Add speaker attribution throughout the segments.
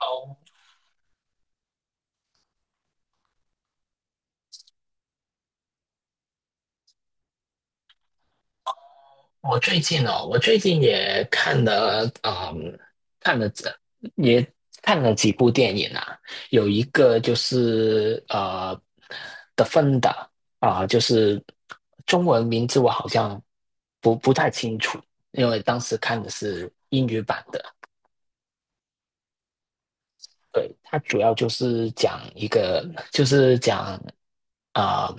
Speaker 1: 哦，我最近也看了，嗯，看了这也看了几部电影啊。有一个就是《The Founder》 啊，就是中文名字我好像不太清楚，因为当时看的是英语版的。对，它主要就是讲一个，就是讲啊、呃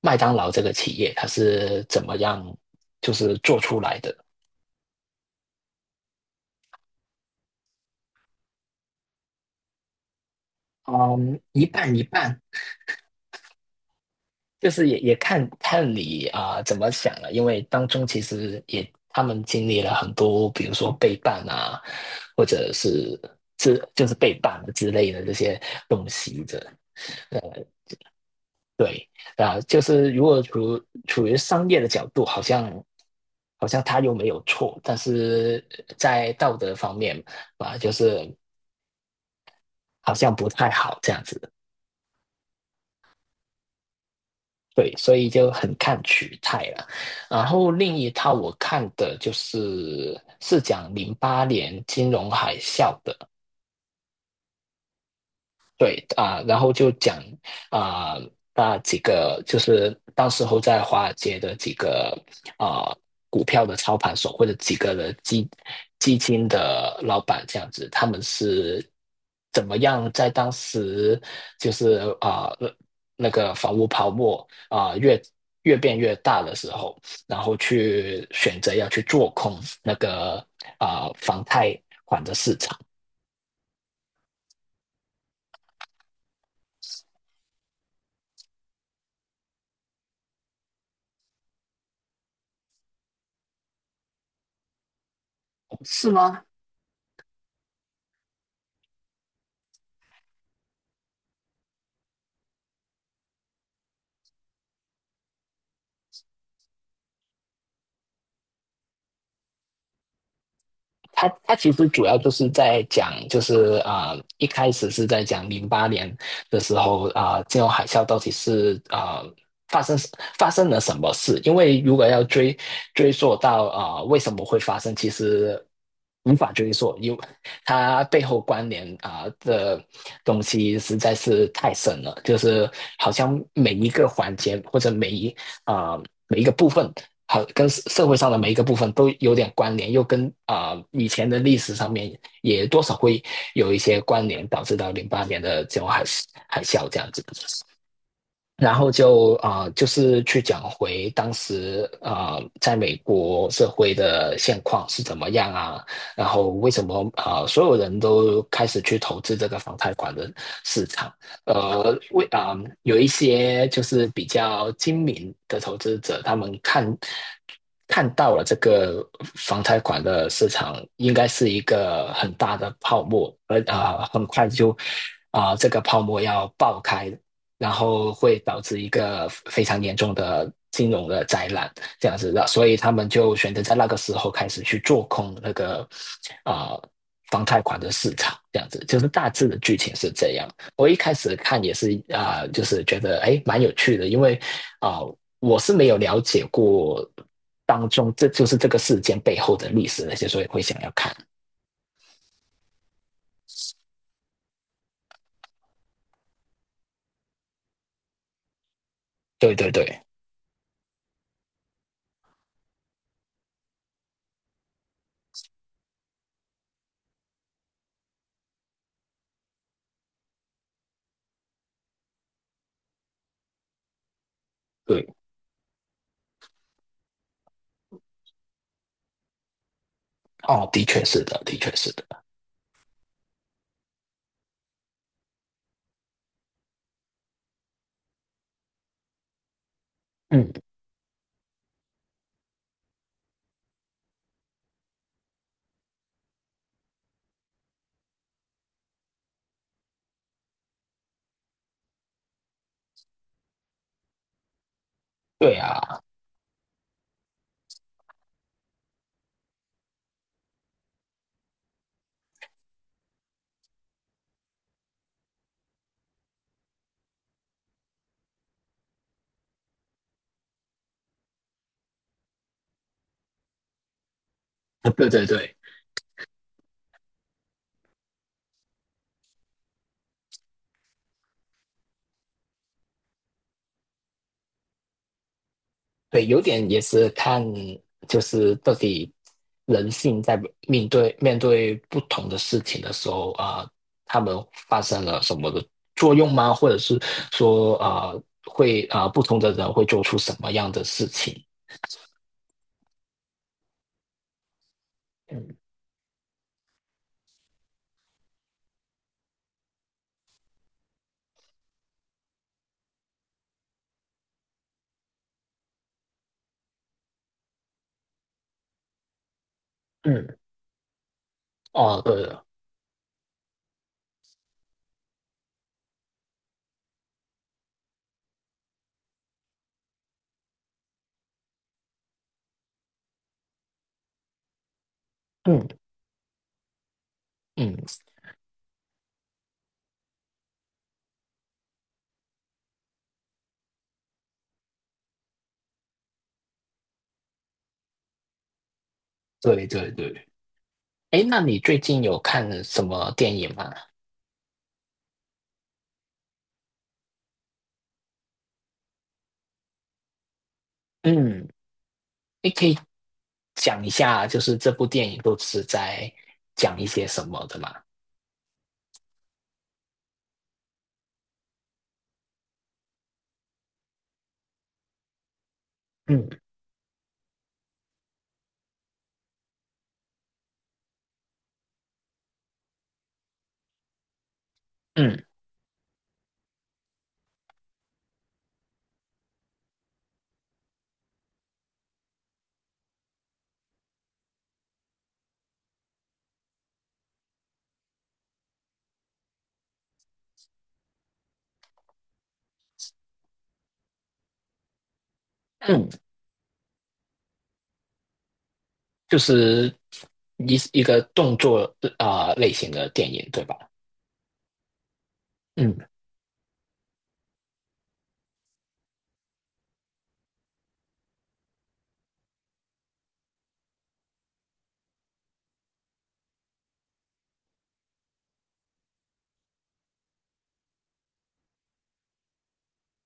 Speaker 1: 麦当劳这个企业它是怎么样就是做出来的。嗯，一半一半，就是也看看你怎么想了，因为当中其实也他们经历了很多，比如说背叛啊，或者是就是背叛之类的这些东西的。对啊，就是如果处于商业的角度，好像他又没有错，但是在道德方面啊，就是好像不太好这样子。对，所以就很看取态了。然后另一套我看的就是讲零八年金融海啸的，对然后就讲啊、那几个就是当时候在华尔街的几个啊、股票的操盘手或者几个的基金的老板这样子，他们是怎么样在当时就是那个房屋泡沫越变越大的时候，然后去选择要去做空那个房贷。是吗？他其实主要就是在讲，就是一开始是在讲零八年的时候金融海啸到底是发生发生了什么事？因为如果要追溯到为什么会发生，其实无法追溯，因为它背后关联的东西实在是太深了，就是好像每一个环节或者啊、呃每一个部分跟社会上的每一个部分都有点关联，又跟以前的历史上面也多少会有一些关联，导致到零八年的这种海啸这样子。然后就是去讲回当时在美国社会的现况是怎么样啊，然后为什么所有人都开始去投资这个房贷款的市场，呃，为啊、有一些就是比较精明的投资者，他们看到了这个房贷款的市场应该是一个很大的泡沫，而很快就这个泡沫要爆开，然后会导致一个非常严重的金融的灾难，这样子的，所以他们就选择在那个时候开始去做空那个啊、呃房贷款的市场，这样子就是大致的剧情是这样。我一开始看也是就是觉得哎蛮有趣的，因为我是没有了解过当中这就是这个事件背后的历史那些，所以会想要看。对对对对，哦，的确是的，的确是的。嗯，对啊，对对对。对，有点也是看，就是到底人性在面对不同的事情的时候他们发生了什么的作用吗？或者是说不同的人会做出什么样的事情？嗯嗯，哦，对了，嗯嗯，对对对。哎，那你最近有看什么电影吗？嗯，你可以讲一下，就是这部电影都是在讲一些什么的吗？嗯嗯嗯。就是一个动作类型的电影，对吧？嗯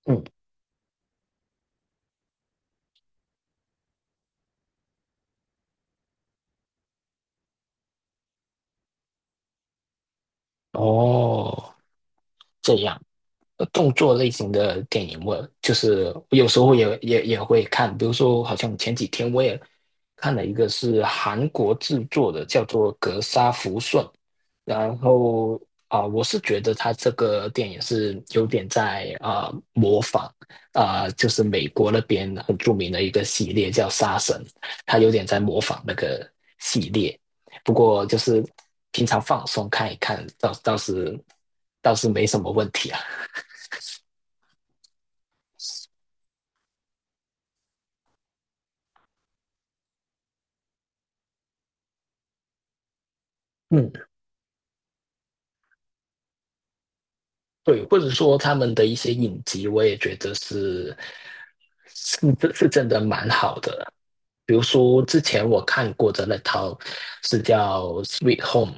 Speaker 1: 嗯，哦，这样动作类型的电影，我就是有时候也会看，比如说好像前几天我也看了一个是韩国制作的，叫做《格杀福顺》，然后我是觉得他这个电影是有点在模仿就是美国那边很著名的一个系列叫《杀神》，他有点在模仿那个系列。不过就是平常放松看一看，倒是没什么问题啊。嗯，对，或者说他们的一些影集，我也觉得是是真的蛮好的。比如说之前我看过的那套是叫《Sweet Home》。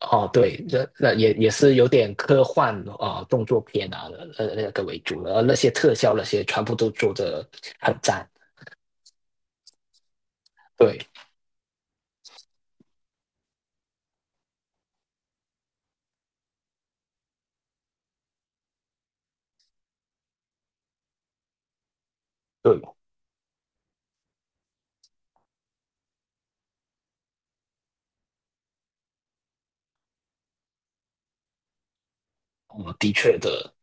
Speaker 1: 哦，对，那也是有点科幻动作片啊，那个为主的，而那些特效那些全部都做的很赞。对对，嗯，的确的。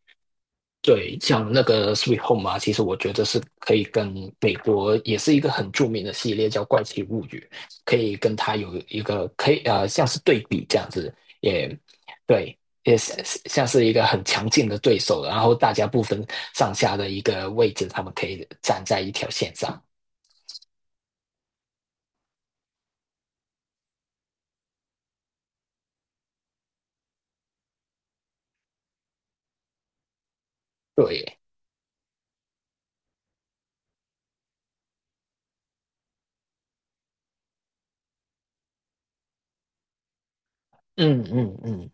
Speaker 1: 对，像那个《Sweet Home》啊，其实我觉得是可以跟美国也是一个很著名的系列，叫《怪奇物语》，可以跟它有一个像是对比这样子。也对，也是像是一个很强劲的对手，然后大家不分上下的一个位置，他们可以站在一条线上。对，嗯嗯嗯。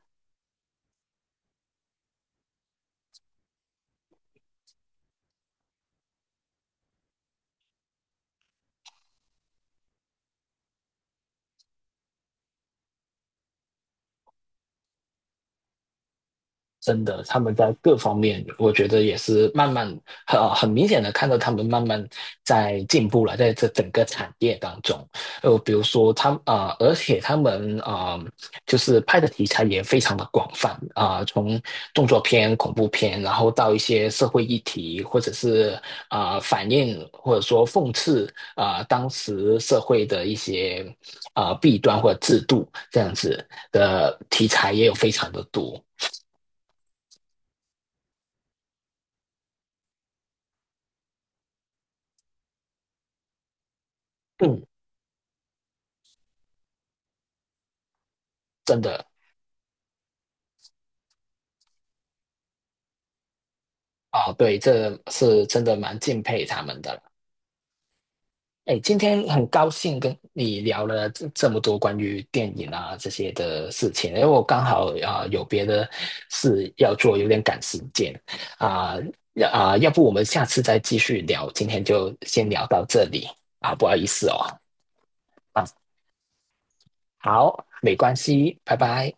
Speaker 1: 真的，他们在各方面，我觉得也是慢慢很明显的看到他们慢慢在进步了，在这整个产业当中，比如说而且他们就是拍的题材也非常的广泛从动作片、恐怖片，然后到一些社会议题，或者是反映或者说讽刺当时社会的一些弊端或者制度这样子的题材也有非常的多。嗯，真的啊，对，这是真的蛮敬佩他们的了。哎，今天很高兴跟你聊了这么多关于电影啊这些的事情，因为我刚好有别的事要做，有点赶时间啊要不我们下次再继续聊，今天就先聊到这里啊，不好意思哦啊，好，没关系，拜拜。